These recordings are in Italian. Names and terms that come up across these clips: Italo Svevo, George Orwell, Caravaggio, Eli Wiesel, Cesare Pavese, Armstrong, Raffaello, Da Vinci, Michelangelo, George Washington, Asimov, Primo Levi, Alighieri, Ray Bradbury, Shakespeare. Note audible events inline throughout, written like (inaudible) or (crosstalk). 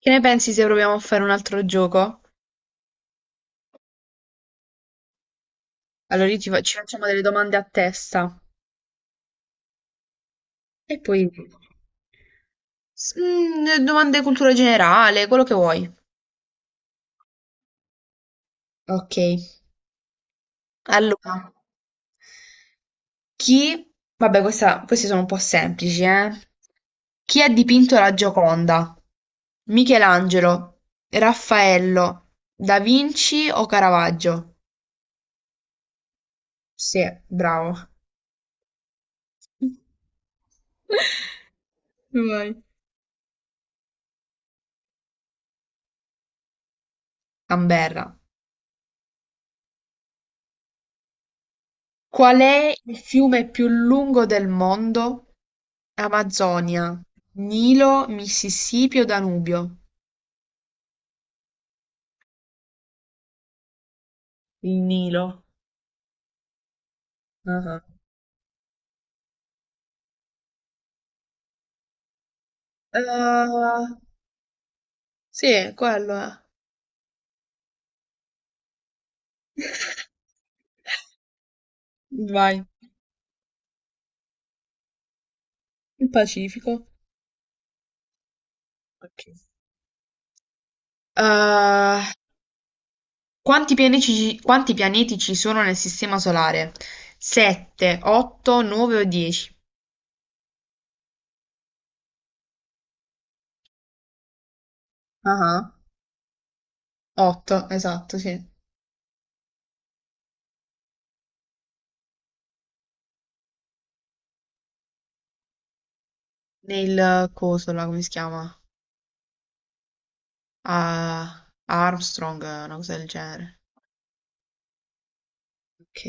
Che ne pensi se proviamo a fare un altro gioco? Allora io ci facciamo delle domande a testa e poi domande di cultura generale, quello che vuoi. Ok, allora, chi... Vabbè, queste sono un po' semplici, eh? Chi ha dipinto la Gioconda? Michelangelo, Raffaello, Da Vinci o Caravaggio? Sì, bravo. (laughs) Vai. Canberra. Qual è il fiume più lungo del mondo? Amazzonia, Nilo, Mississippi o Danubio? Il Nilo. Ah, eh, sì, quello è. (laughs) Vai. Il Pacifico. Ok. Eh, quanti pianeti ci sono nel Sistema Solare? 7, 8, 9 o 10? Ah, 8, esatto, sì. Nel coso là, come si chiama? a a Armstrong, una cosa del genere. Ok,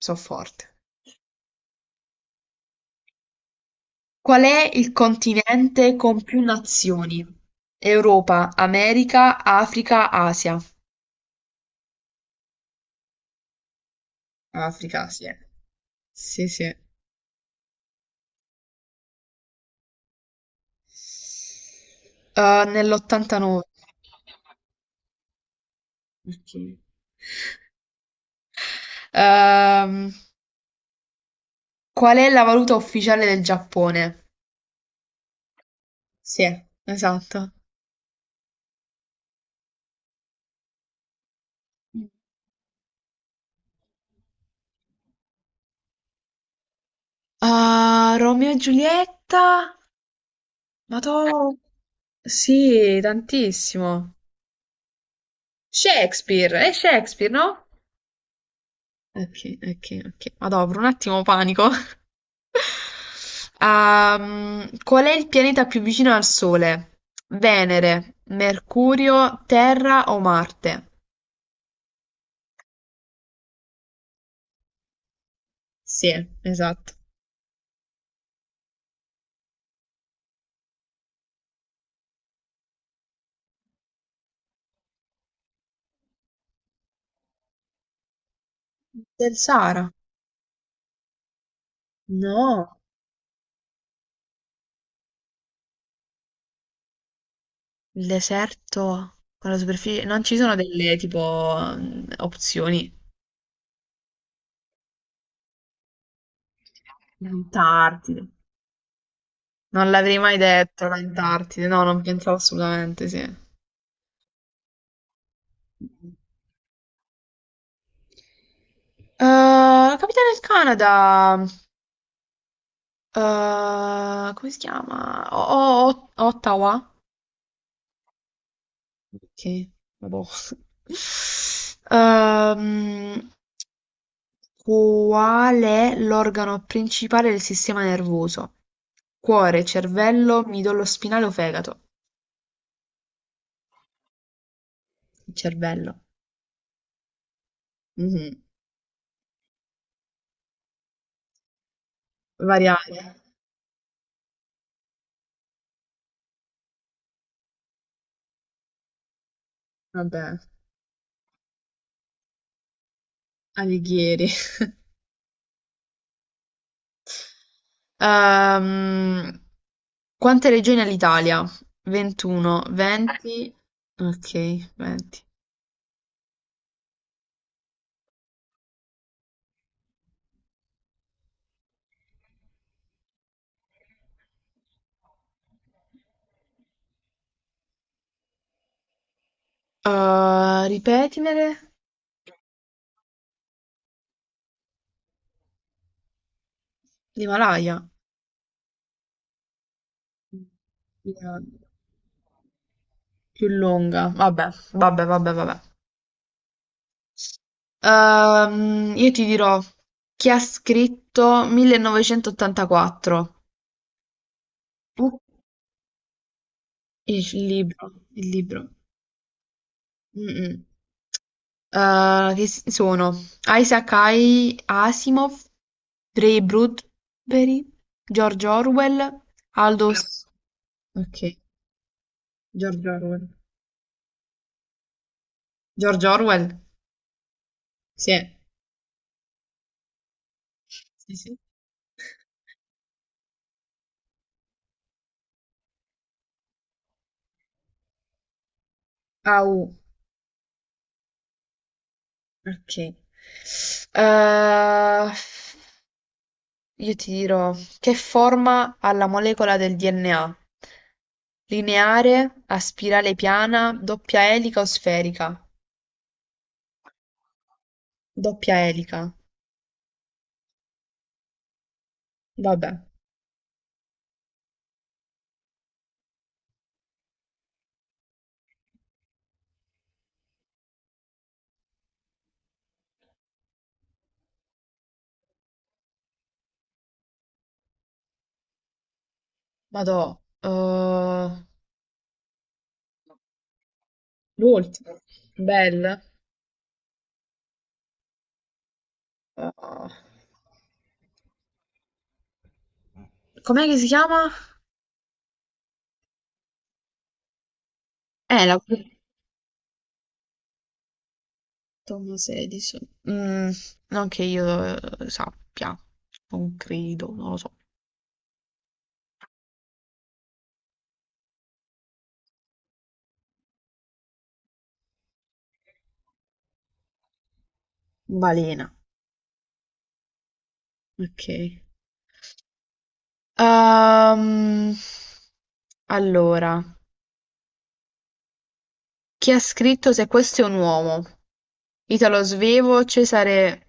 so forte. Qual è il continente con più nazioni? Europa, America, Africa, Asia. Africa, sì. Sì, sì. Nell'89. Ok. Ehm, qual è la valuta ufficiale del Giappone? Sì. Esatto. Ah, Romeo e Giulietta? Ma tu. Sì, tantissimo. Shakespeare, è Shakespeare, no? Ok, ok, ok. Madò, per un attimo panico. (laughs) Qual è il pianeta più vicino al Sole? Venere, Mercurio, Terra o Marte? Sì, esatto. Del Sahara? No. Il deserto con la superficie. Non ci sono delle tipo opzioni. L'Antartide. Non l'avrei mai detto, l'Antartide. No, non pensavo assolutamente, sì. La capitale del Canada, come si chiama? Ottawa? Ok, vabbò. Ehm, qual è l'organo principale del sistema nervoso? Cuore, cervello, midollo spinale o fegato? Il cervello. Mhm. Variabile. Vabbè, Alighieri. Ehm, quante regioni ha l'Italia? 21, 20, ok, 20. Ripetimele, l'Himalaya, La- più lunga, vabbè, vabbè, vabbè, vabbè. Io ti dirò chi ha scritto 1984, il libro. Mm, mm. Sono Isaac Asimov, Ray Bradbury, George Orwell, Aldo. Ok, George Orwell. George Orwell? Sì. Eh. Sì, sì. Au, ok. Eh, io ti dirò, che forma ha la molecola del DNA? Lineare, a spirale piana, doppia elica o sferica? Doppia elica. Vabbè. Madò, l'ultimo, Belle. eh, com'è che si chiama? La Tom 16. Mm, non che io sappia, non credo, non lo so. Balena, ok. Ehm, allora, chi ha scritto Se questo è un uomo? Italo Svevo, Cesare...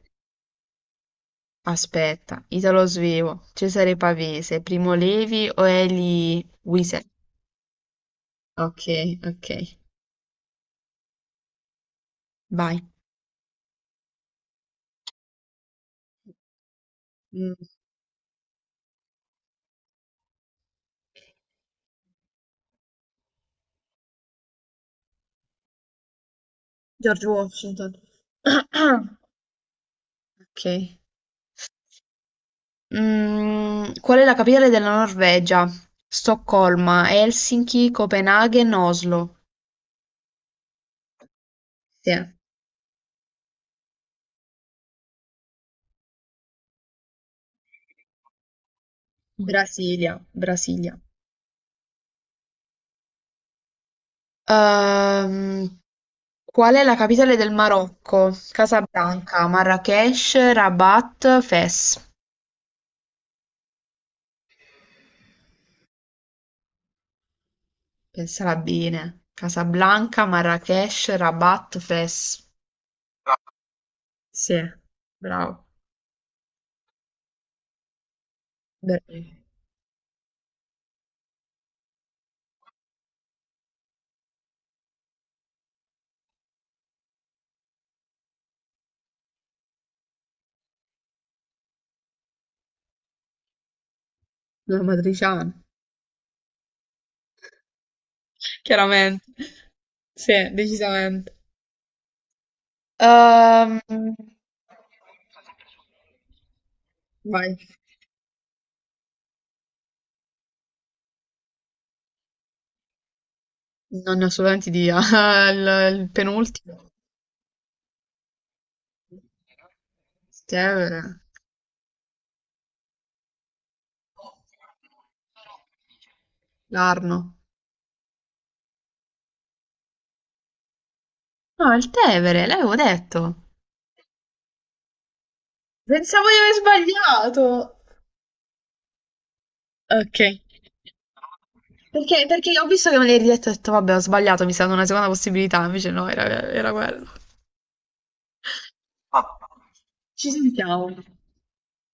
Aspetta, Italo Svevo, Cesare Pavese, Primo Levi o Eli Wiesel? Okay, okay. Vai. Mm, George Washington. (coughs) (clears throat) Ok. Qual è la capitale della Norvegia? Stoccolma, Helsinki, Copenaghen, Oslo. Sì, Brasilia, Brasilia. Ehm, qual è la capitale del Marocco? Casablanca, Marrakesh, Rabat, Fes. Pensala bene. Casablanca, Marrakesh, Rabat, Fes. Sì, bravo. Beh, una matriciana, chiaramente. Sì, decisamente. Ehm, vai. Non ne ho assolutamente idea. (laughs) Il penultimo. Tevere. L'Arno. No, è il Tevere, l'avevo detto. Pensavo di aver sbagliato. Okay. Perché ho visto che me l'hai ridetto e ho detto, vabbè, ho sbagliato, mi serve una seconda possibilità, invece no, era quello. Ci sentiamo,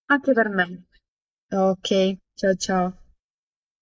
anche per me. Ok, ciao ciao.